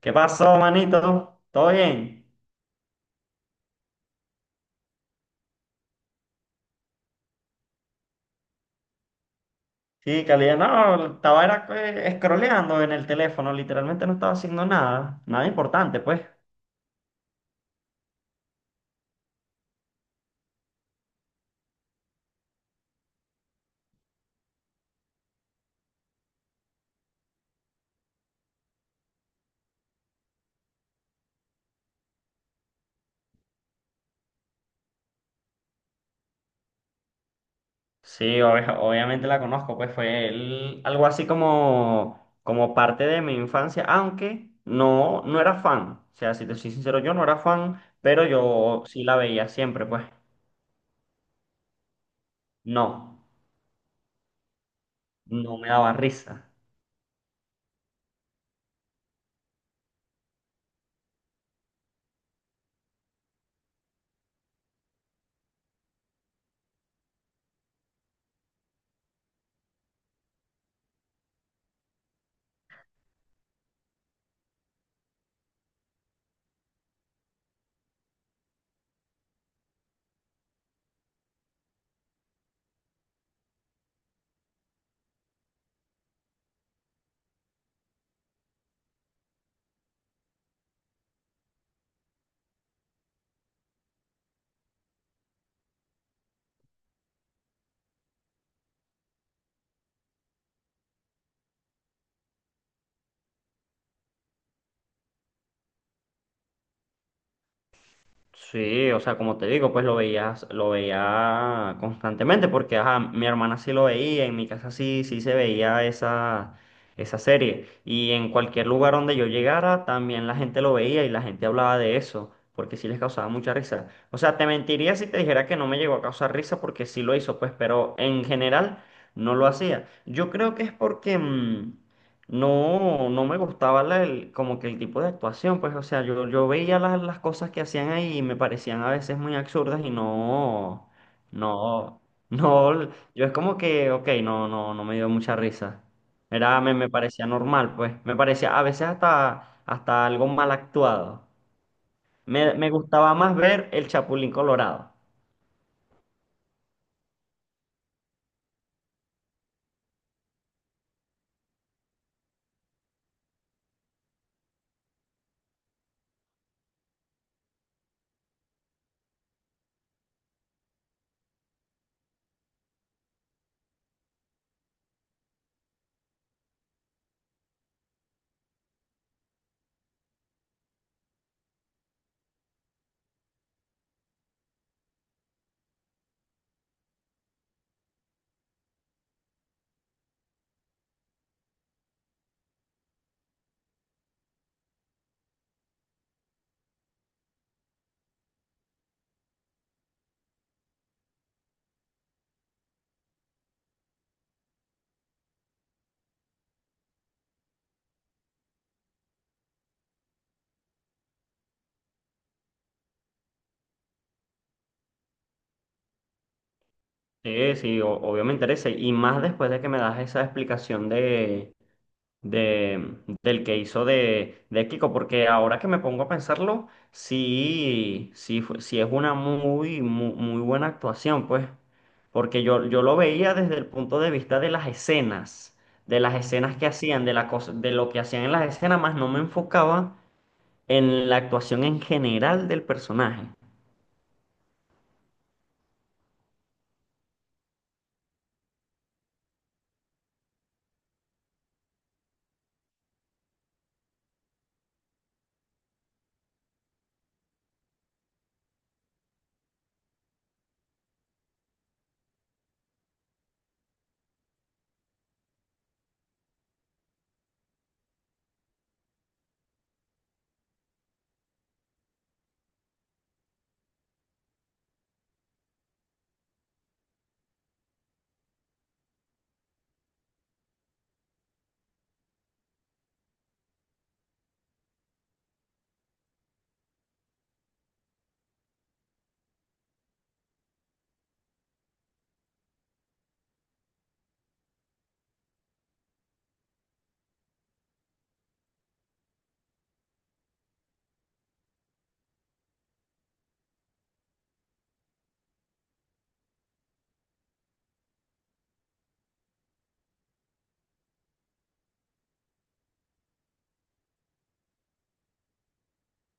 ¿Qué pasó, manito? ¿Todo bien? Sí, calidad. No, estaba era, scrolleando en el teléfono, literalmente no estaba haciendo nada, nada importante, pues. Sí, obviamente la conozco, pues algo así como, como parte de mi infancia, aunque no, no era fan. O sea, si te soy sincero, yo no era fan, pero yo sí la veía siempre, pues. No, no me daba risa. Sí, o sea, como te digo, pues lo veías, lo veía constantemente, porque ajá, mi hermana sí lo veía, en mi casa sí, sí se veía esa serie. Y en cualquier lugar donde yo llegara, también la gente lo veía y la gente hablaba de eso, porque sí les causaba mucha risa. O sea, te mentiría si te dijera que no me llegó a causar risa, porque sí lo hizo, pues, pero en general no lo hacía. Yo creo que es porque, no, no me gustaba como que el tipo de actuación, pues, o sea, yo veía las cosas que hacían ahí y me parecían a veces muy absurdas y no, no, no, yo es como que, ok, no, no, no me dio mucha risa. Era, me parecía normal, pues, me parecía a veces hasta, hasta algo mal actuado. Me gustaba más ver el Chapulín Colorado. Sí, sí, o- obvio me interesa y más después de que me das esa explicación de de, del que hizo de Kiko, porque ahora que me pongo a pensarlo, sí, sí, sí es una muy, muy, muy buena actuación, pues, porque yo lo veía desde el punto de vista de las escenas que hacían, de la cosa, de lo que hacían en las escenas, más no me enfocaba en la actuación en general del personaje.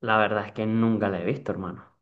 La verdad es que nunca la he visto, hermano.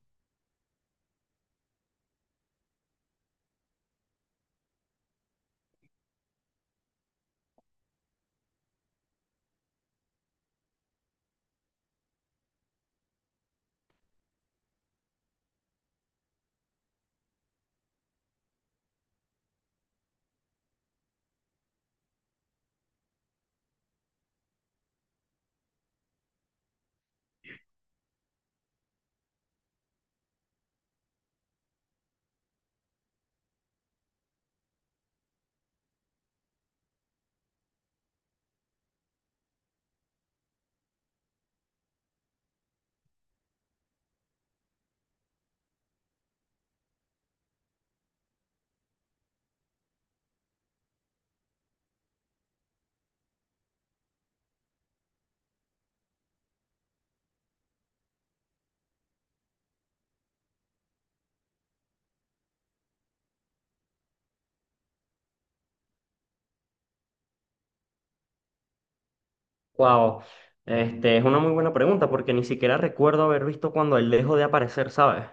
Wow. Este, es una muy buena pregunta porque ni siquiera recuerdo haber visto cuando él dejó de aparecer, ¿sabes?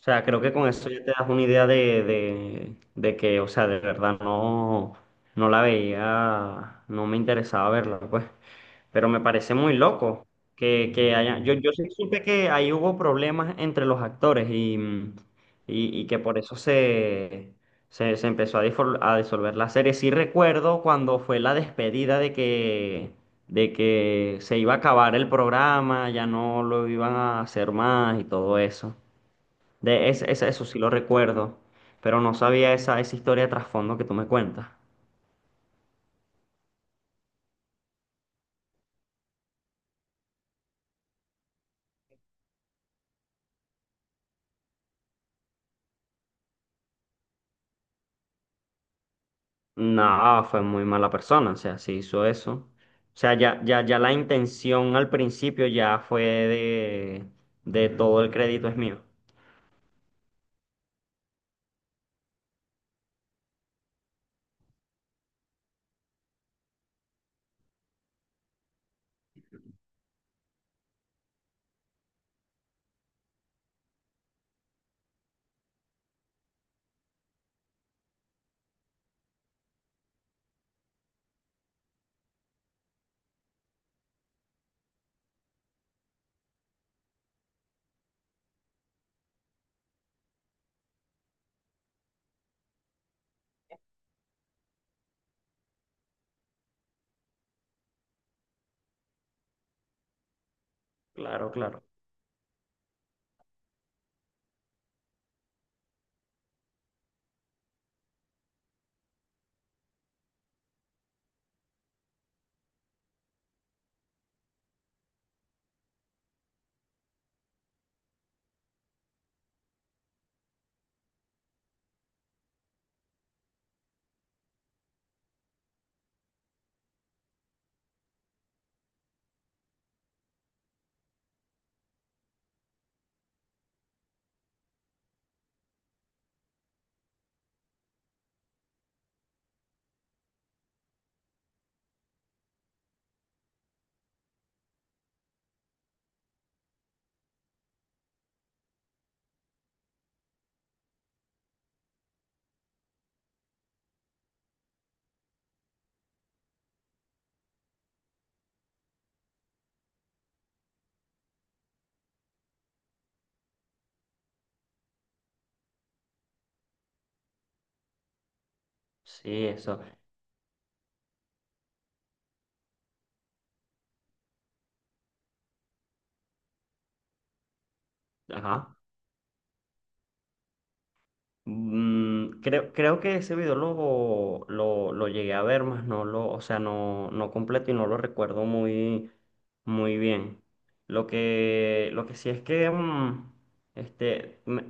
O sea, creo que con eso ya te das una idea de, de que, o sea, de verdad no, no la veía, no me interesaba verla, pues. Pero me parece muy loco que haya. Yo sí supe que ahí hubo problemas entre los actores y que por eso se, se, se empezó a, a disolver la serie. Sí recuerdo cuando fue la despedida de que se iba a acabar el programa, ya no lo iban a hacer más y todo eso. De eso sí lo recuerdo, pero no sabía esa, esa historia de trasfondo que tú me cuentas. No, fue muy mala persona, o sea, sí hizo eso. O sea, ya la intención al principio ya fue de todo el crédito es mío. Claro, claro. Sí, eso. Ajá. Mm, creo que ese video lo llegué a ver, más no lo, o sea, no, no completo y no lo recuerdo muy, muy bien. Lo que sí es que este,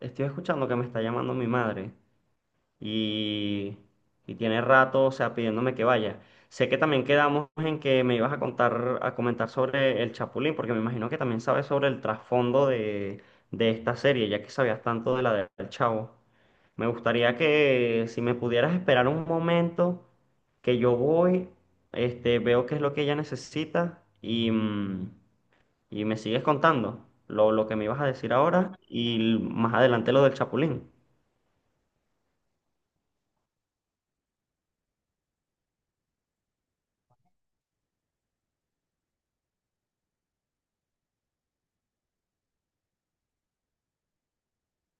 estoy escuchando que me está llamando mi madre y, y tiene rato, o sea, pidiéndome que vaya. Sé que también quedamos en que me ibas a contar, a comentar sobre el Chapulín, porque me imagino que también sabes sobre el trasfondo de esta serie, ya que sabías tanto de la del Chavo. Me gustaría que si me pudieras esperar un momento, que yo voy, este, veo qué es lo que ella necesita y, mm, y me sigues contando lo que me ibas a decir ahora y más adelante lo del Chapulín.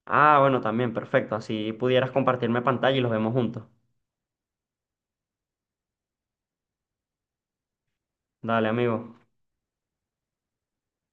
Ah, bueno, también, perfecto. Así pudieras compartirme pantalla y los vemos juntos. Dale, amigo.